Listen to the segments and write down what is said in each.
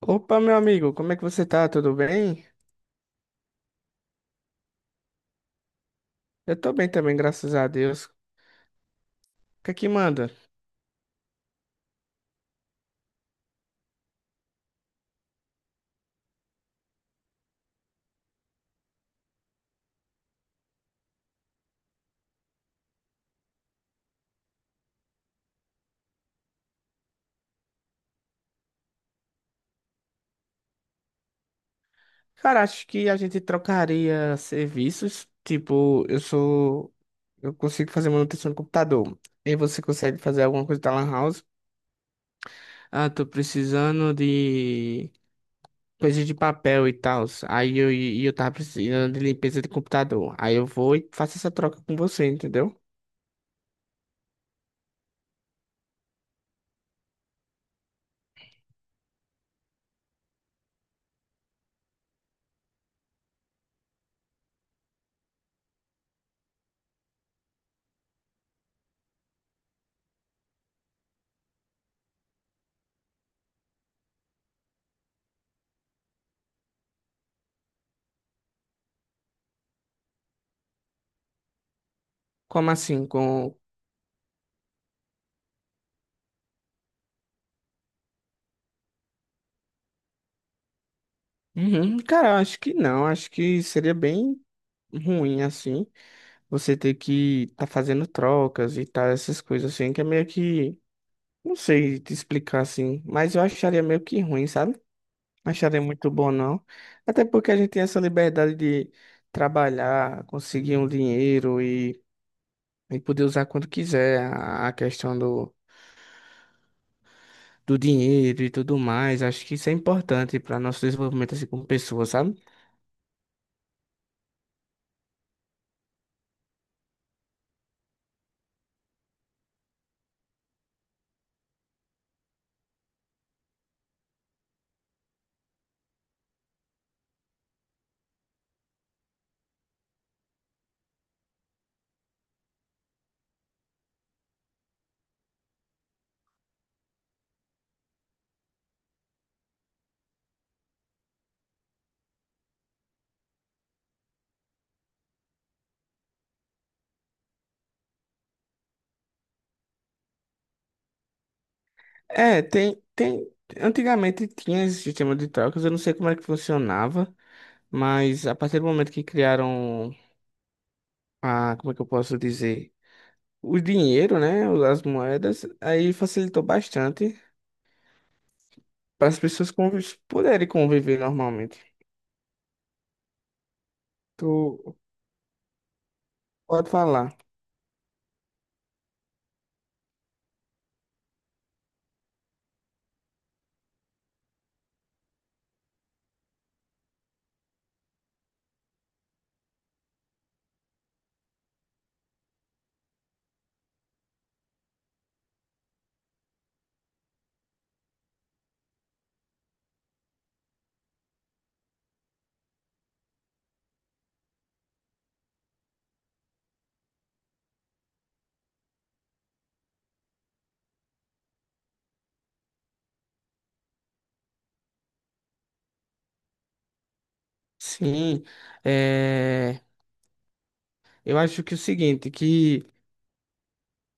Opa, meu amigo, como é que você tá? Tudo bem? Eu tô bem também, graças a Deus. O que é que manda? Cara, acho que a gente trocaria serviços. Tipo, eu sou. Eu consigo fazer manutenção do computador. E você consegue fazer alguma coisa da Lan House? Ah, tô precisando de coisas de papel e tal. E eu tava precisando de limpeza de computador. Aí eu vou e faço essa troca com você, entendeu? Como assim? Com. Uhum, cara, eu acho que não. Acho que seria bem ruim assim. Você ter que tá fazendo trocas e tal, essas coisas assim, que é meio que, não sei te explicar assim, mas eu acharia meio que ruim, sabe? Acharia muito bom não. Até porque a gente tem essa liberdade de trabalhar, conseguir um dinheiro e poder usar quando quiser a questão do dinheiro e tudo mais. Acho que isso é importante para nosso desenvolvimento assim como pessoa, sabe? É, tem. Antigamente tinha esse sistema de trocas, eu não sei como é que funcionava, mas a partir do momento que criaram a, como é que eu posso dizer, o dinheiro, né, as moedas, aí facilitou bastante para as pessoas convi- poderem conviver normalmente. Tu pode falar. Sim, é, eu acho que é o seguinte, que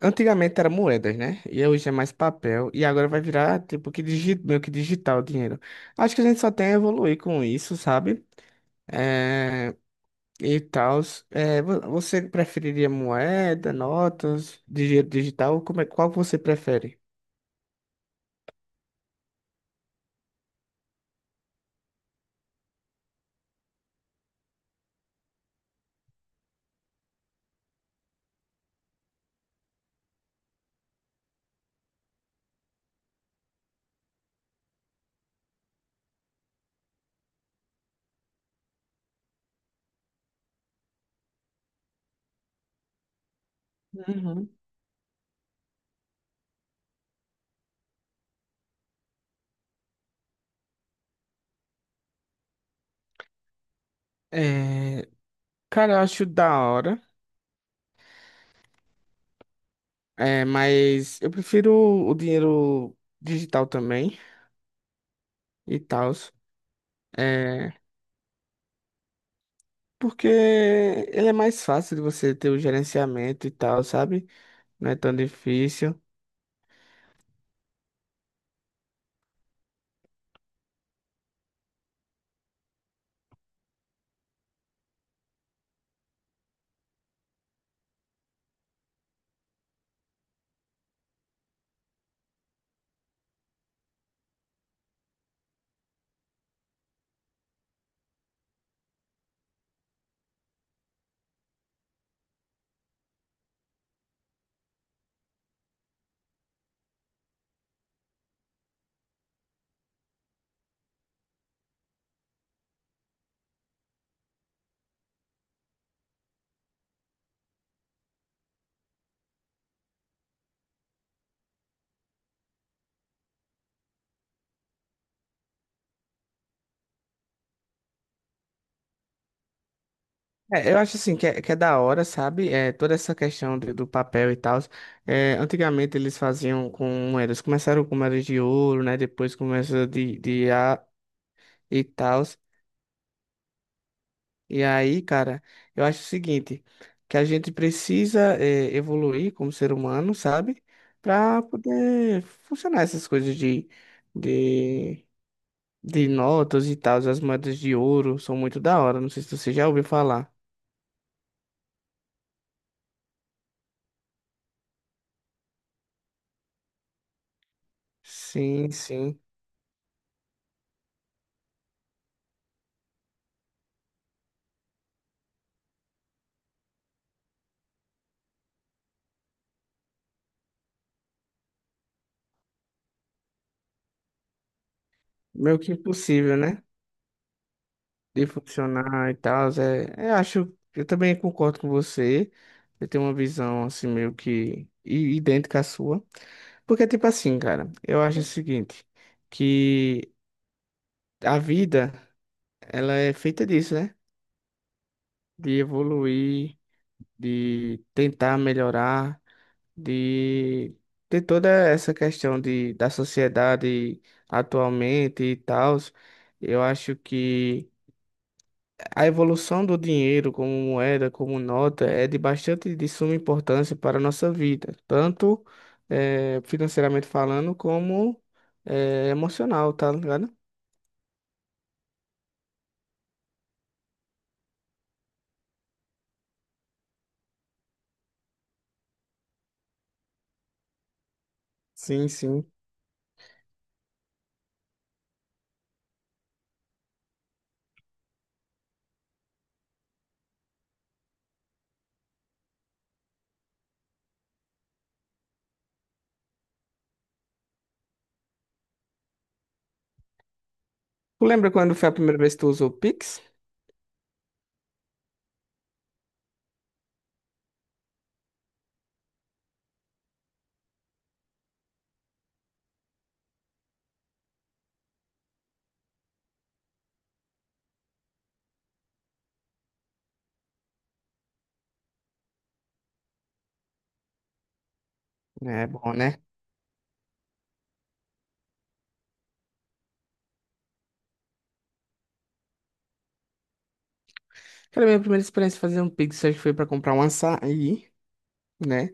antigamente era moedas, né? E hoje é mais papel. E agora vai virar, tipo, que digi... meio que digital o dinheiro. Acho que a gente só tem a evoluir com isso, sabe? É... E tal. Você preferiria moeda, notas, dinheiro digital? Como é... Qual que você prefere? Uhum. É... Cara, eu acho da hora. É... Mas eu prefiro o dinheiro digital também. E tal. É... Porque ele é mais fácil de você ter o gerenciamento e tal, sabe? Não é tão difícil. É, eu acho assim que é da hora, sabe? É, toda essa questão de- do papel e tal. Antigamente eles faziam com moedas. Começaram com moedas de ouro, né? Depois começou de A e tal. E aí, cara, eu acho o seguinte, que a gente precisa é, evoluir como ser humano, sabe? Pra poder funcionar essas coisas de, de notas e tal. As moedas de ouro são muito da hora. Não sei se você já ouviu falar. Sim, sim. Meio que impossível, né? De funcionar e tal. É, eu acho, eu também concordo com você. Eu tenho uma visão assim meio que i- idêntica à sua. Porque, tipo assim, cara, eu acho o seguinte, que a vida, ela é feita disso, né? De evoluir, de tentar melhorar, de ter toda essa questão de, da sociedade atualmente e tal. Eu acho que a evolução do dinheiro como moeda, como nota, é de bastante de suma importância para a nossa vida, tanto financeiramente falando, como emocional, tá ligado? Sim, sim. Tu lembra quando foi a primeira vez que tu usou o Pix? É bom, né? Aquela minha primeira experiência fazer um Pix, acho que foi para comprar um açaí, né?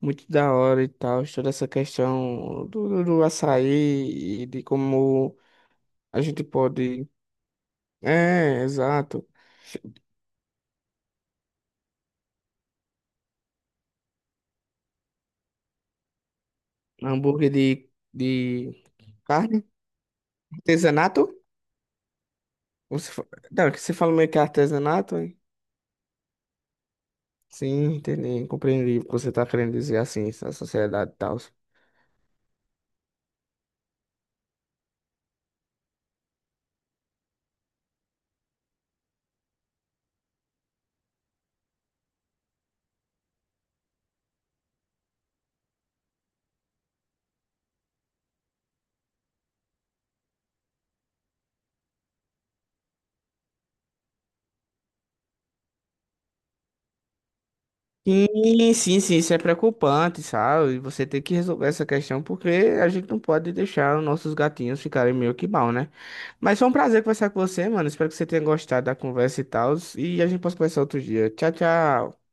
Muito da hora e tal, toda essa questão do, do açaí e de como a gente pode. É, exato. Hambúrguer de carne? Artesanato? Você, fa- não, é que você fala meio que artesanato, hein? Sim, entendi. Compreendi o que você tá querendo dizer assim, essa sociedade e tal. Sim, sim, sim, isso é preocupante, sabe? Você tem que resolver essa questão porque a gente não pode deixar os nossos gatinhos ficarem meio que mal, né? Mas foi um prazer conversar com você, mano. Espero que você tenha gostado da conversa e tal. E a gente possa conversar outro dia. Tchau, tchau.